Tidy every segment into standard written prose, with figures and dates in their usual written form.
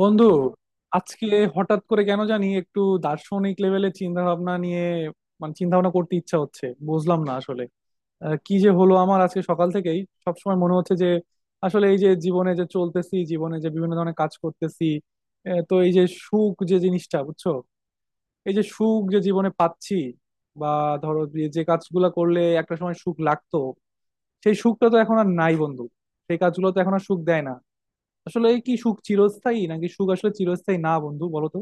বন্ধু, আজকে হঠাৎ করে কেন জানি একটু দার্শনিক লেভেলের চিন্তা ভাবনা নিয়ে, মানে চিন্তা ভাবনা করতে ইচ্ছা হচ্ছে, বুঝলাম না আসলে। কি যে হলো আমার, আজকে সকাল থেকেই সবসময় মনে হচ্ছে যে আসলে এই যে জীবনে যে চলতেছি, জীবনে যে বিভিন্ন ধরনের কাজ করতেছি, তো এই যে সুখ যে জিনিসটা, বুঝছো, এই যে সুখ যে জীবনে পাচ্ছি, বা ধরো যে যে কাজগুলো করলে একটা সময় সুখ লাগতো, সেই সুখটা তো এখন আর নাই বন্ধু। সেই কাজগুলো তো এখন আর সুখ দেয় না। আসলে কি সুখ চিরস্থায়ী, নাকি সুখ আসলে চিরস্থায়ী না বন্ধু, বলো তো।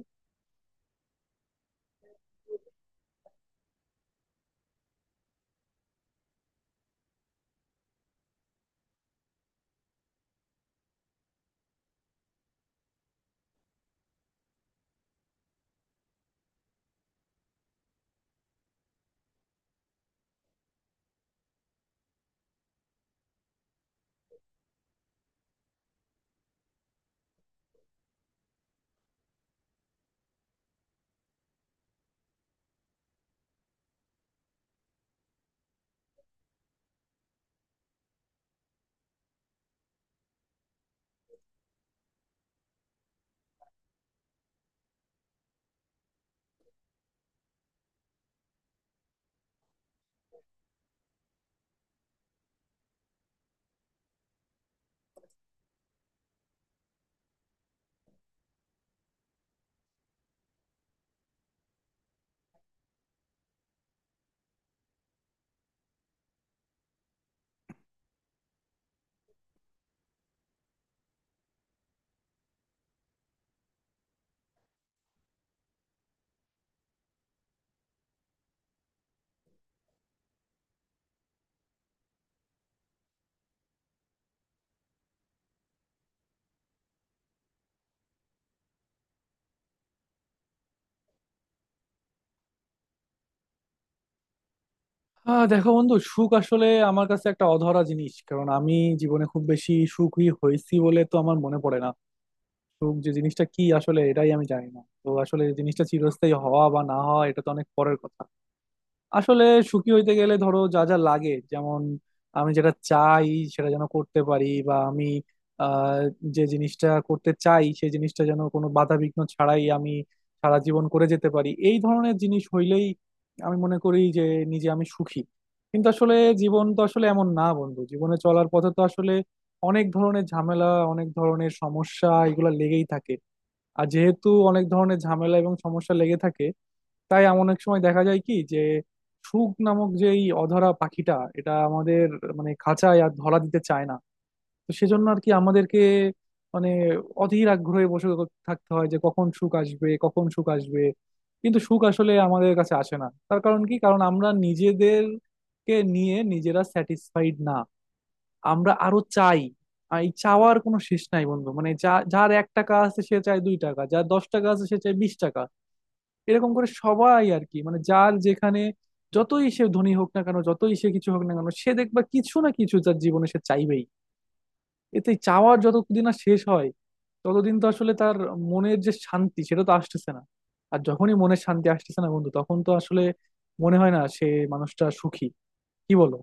আহ, দেখো বন্ধু, সুখ আসলে আমার কাছে একটা অধরা জিনিস, কারণ আমি জীবনে খুব বেশি সুখী হয়েছি বলে তো আমার মনে পড়ে না। সুখ যে জিনিসটা কি আসলে, এটাই আমি জানি না, তো আসলে জিনিসটা চিরস্থায়ী হওয়া বা না হওয়া এটা তো অনেক পরের কথা। আসলে সুখী হইতে গেলে ধরো যা যা লাগে, যেমন আমি যেটা চাই সেটা যেন করতে পারি, বা আমি আহ, যে জিনিসটা করতে চাই সেই জিনিসটা যেন কোনো বাধা বিঘ্ন ছাড়াই আমি সারা জীবন করে যেতে পারি, এই ধরনের জিনিস হইলেই আমি মনে করি যে নিজে আমি সুখী। কিন্তু আসলে জীবন তো আসলে এমন না বন্ধু। জীবনে চলার পথে তো আসলে অনেক ধরনের ঝামেলা, অনেক ধরনের সমস্যা এগুলো লেগেই থাকে। আর যেহেতু অনেক ধরনের ঝামেলা এবং সমস্যা লেগে থাকে, তাই এমন অনেক সময় দেখা যায় কি যে শুক নামক যে এই অধরা পাখিটা, এটা আমাদের মানে খাঁচায় আর ধরা দিতে চায় না। তো সেজন্য আর কি আমাদেরকে মানে অধীর আগ্রহে বসে থাকতে হয় যে কখন শুক আসবে, কখন শুক আসবে। কিন্তু শুক আসলে আমাদের কাছে আসে না। তার কারণ কি? কারণ আমরা নিজেদেরকে নিয়ে নিজেরা স্যাটিসফাইড না, আমরা আরো চাই। আর এই চাওয়ার কোনো শেষ নাই বন্ধু। মানে যা যার এক টাকা আছে সে চায় দুই টাকা, যার দশ টাকা আছে সে চায় বিশ টাকা। এরকম করে সবাই আর কি, মানে যার যেখানে যতই সে ধনী হোক না কেন, যতই সে কিছু হোক না কেন, সে দেখবা কিছু না কিছু তার জীবনে সে চাইবেই। এতে চাওয়ার যতদিন না শেষ হয়, ততদিন তো আসলে তার মনের যে শান্তি সেটা তো আসতেছে না। আর যখনই মনের শান্তি আসতেছে না বন্ধু, তখন তো আসলে মনে হয় না সে মানুষটা সুখী। কি বলো?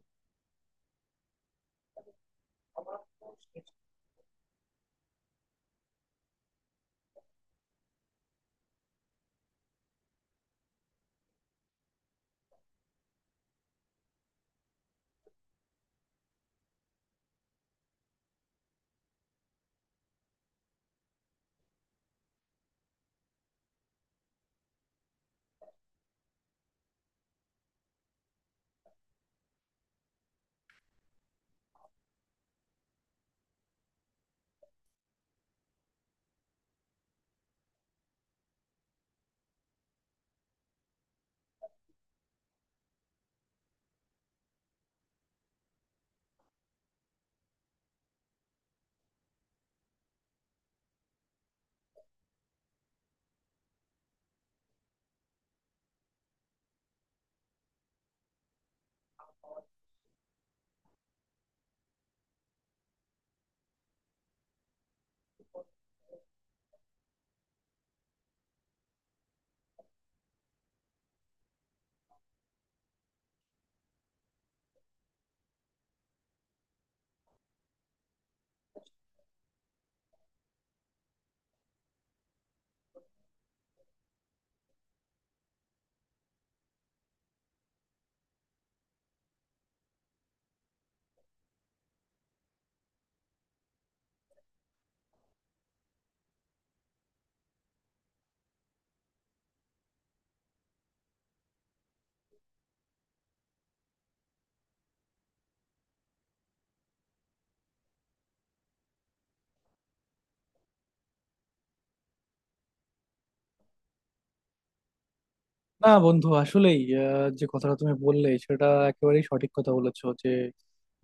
না বন্ধু, আসলেই যে কথাটা তুমি বললে সেটা একেবারেই সঠিক কথা বলেছো যে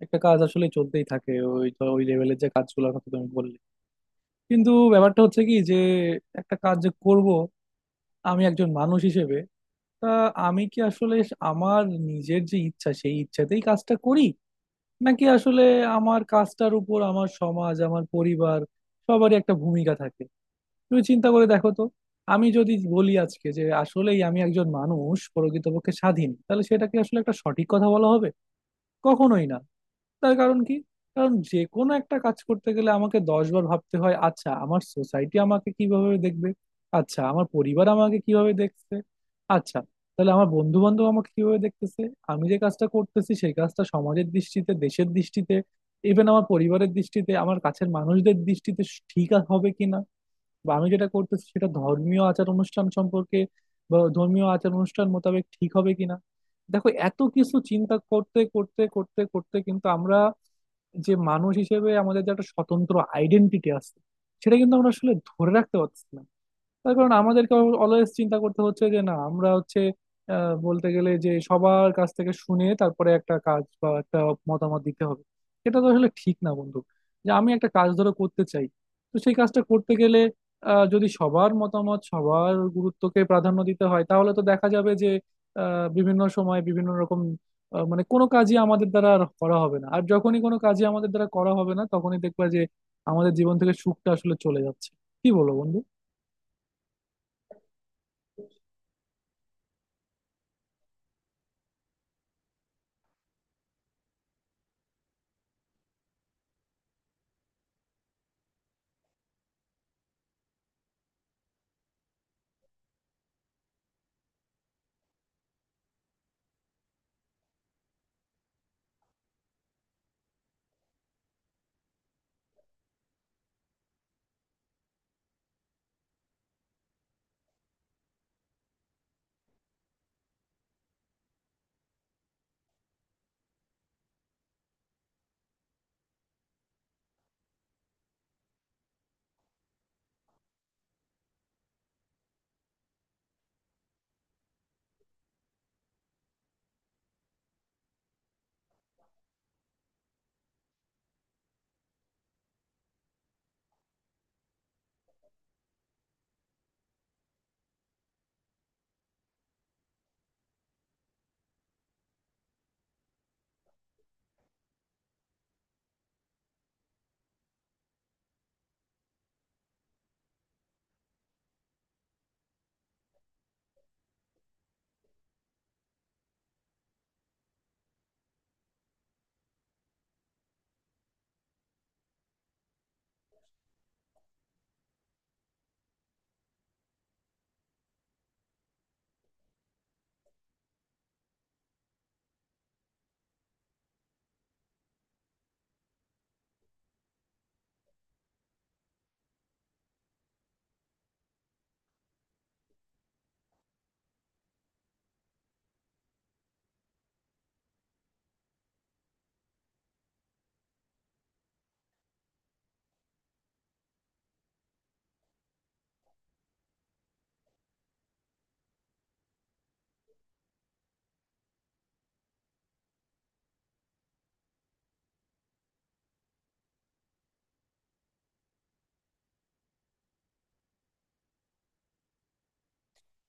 একটা কাজ আসলে চলতেই থাকে, ওই ওই লেভেলের যে কাজগুলোর কথা তুমি বললে। কিন্তু ব্যাপারটা হচ্ছে কি যে একটা কাজ যে করব আমি একজন মানুষ হিসেবে, তা আমি কি আসলে আমার নিজের যে ইচ্ছা সেই ইচ্ছাতেই কাজটা করি, নাকি আসলে আমার কাজটার উপর আমার সমাজ, আমার পরিবার, সবারই একটা ভূমিকা থাকে। তুমি চিন্তা করে দেখো তো, আমি যদি বলি আজকে যে আসলেই আমি একজন মানুষ প্রকৃতপক্ষে স্বাধীন, তাহলে সেটা কি আসলে একটা সঠিক কথা বলা হবে? কখনোই না। তার কারণ কি? কারণ যে কোনো একটা কাজ করতে গেলে আমাকে দশ বার ভাবতে হয়, আচ্ছা আমার সোসাইটি আমাকে কিভাবে দেখবে, আচ্ছা আমার পরিবার আমাকে কিভাবে দেখছে, আচ্ছা তাহলে আমার বন্ধু বান্ধব আমাকে কিভাবে দেখতেছে, আমি যে কাজটা করতেছি সেই কাজটা সমাজের দৃষ্টিতে, দেশের দৃষ্টিতে, ইভেন আমার পরিবারের দৃষ্টিতে, আমার কাছের মানুষদের দৃষ্টিতে ঠিক হবে কিনা, বা আমি যেটা করতেছি সেটা ধর্মীয় আচার অনুষ্ঠান সম্পর্কে বা ধর্মীয় আচার অনুষ্ঠান মোতাবেক ঠিক হবে কিনা। দেখো, এত কিছু চিন্তা করতে করতে কিন্তু আমরা যে মানুষ হিসেবে আমাদের যে একটা স্বতন্ত্র আইডেন্টিটি আছে, সেটা কিন্তু আমরা আসলে ধরে রাখতে পারছি না। তার কারণ আমাদেরকে অলওয়েজ চিন্তা করতে হচ্ছে যে না, আমরা হচ্ছে বলতে গেলে যে সবার কাছ থেকে শুনে তারপরে একটা কাজ বা একটা মতামত দিতে হবে। এটা তো আসলে ঠিক না বন্ধু। যে আমি একটা কাজ ধরো করতে চাই, তো সেই কাজটা করতে গেলে যদি সবার মতামত, সবার গুরুত্বকে প্রাধান্য দিতে হয়, তাহলে তো দেখা যাবে যে বিভিন্ন সময় বিভিন্ন রকম, মানে কোনো কাজই আমাদের দ্বারা আর করা হবে না। আর যখনই কোনো কাজই আমাদের দ্বারা করা হবে না, তখনই দেখবা যে আমাদের জীবন থেকে সুখটা আসলে চলে যাচ্ছে। কি বলো বন্ধু?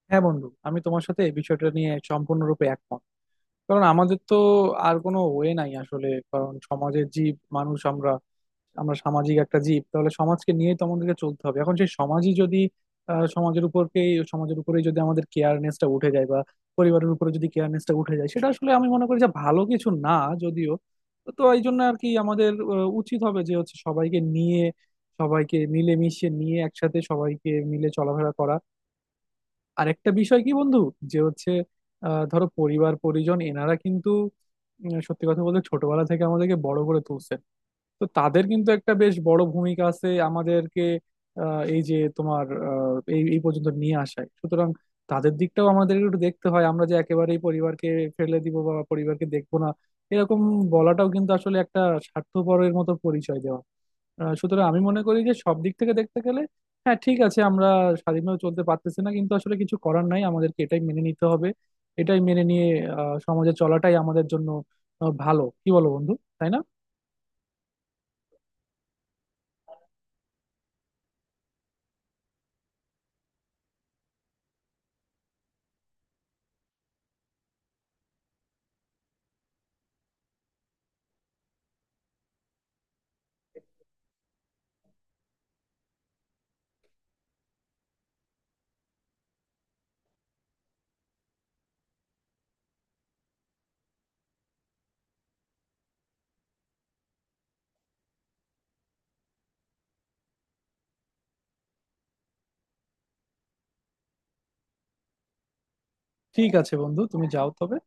হ্যাঁ বন্ধু, আমি তোমার সাথে এই বিষয়টা নিয়ে সম্পূর্ণরূপে একমত। কারণ আমাদের তো আর কোনো ওয়ে নাই আসলে, কারণ সমাজের জীব মানুষ আমরা, আমরা সামাজিক একটা জীব, তাহলে সমাজকে নিয়েই তো আমাদেরকে চলতে হবে। এখন সেই সমাজই যদি আহ, সমাজের উপরকেই সমাজের উপরেই যদি আমাদের কেয়ারনেসটা উঠে যায়, বা পরিবারের উপরে যদি কেয়ারনেসটা উঠে যায়, সেটা আসলে আমি মনে করি যে ভালো কিছু না, যদিও। তো এই জন্য আর কি আমাদের উচিত হবে যে হচ্ছে সবাইকে নিয়ে, সবাইকে মিলেমিশে নিয়ে একসাথে সবাইকে মিলে চলাফেরা করা। আরেকটা বিষয় কি বন্ধু, যে হচ্ছে ধরো পরিবার পরিজন এনারা কিন্তু সত্যি কথা বলতে ছোটবেলা থেকে আমাদেরকে বড় করে তুলছে। তো তাদের কিন্তু একটা বেশ বড় ভূমিকা আছে আমাদেরকে এই যে তোমার এই এই পর্যন্ত নিয়ে আসায়। সুতরাং তাদের দিকটাও আমাদের একটু দেখতে হয়। আমরা যে একেবারেই পরিবারকে ফেলে দিব বা পরিবারকে দেখবো না, এরকম বলাটাও কিন্তু আসলে একটা স্বার্থপরের মতো পরিচয় দেওয়া। আহ, সুতরাং আমি মনে করি যে সব দিক থেকে দেখতে গেলে, হ্যাঁ ঠিক আছে আমরা স্বাধীনভাবে চলতে পারতেছি না, কিন্তু আসলে কিছু করার নাই, আমাদেরকে এটাই মেনে নিতে হবে। এটাই মেনে নিয়ে সমাজে চলাটাই আমাদের জন্য ভালো। কি বলো বন্ধু, তাই না? ঠিক আছে বন্ধু, তুমি যাও তবে।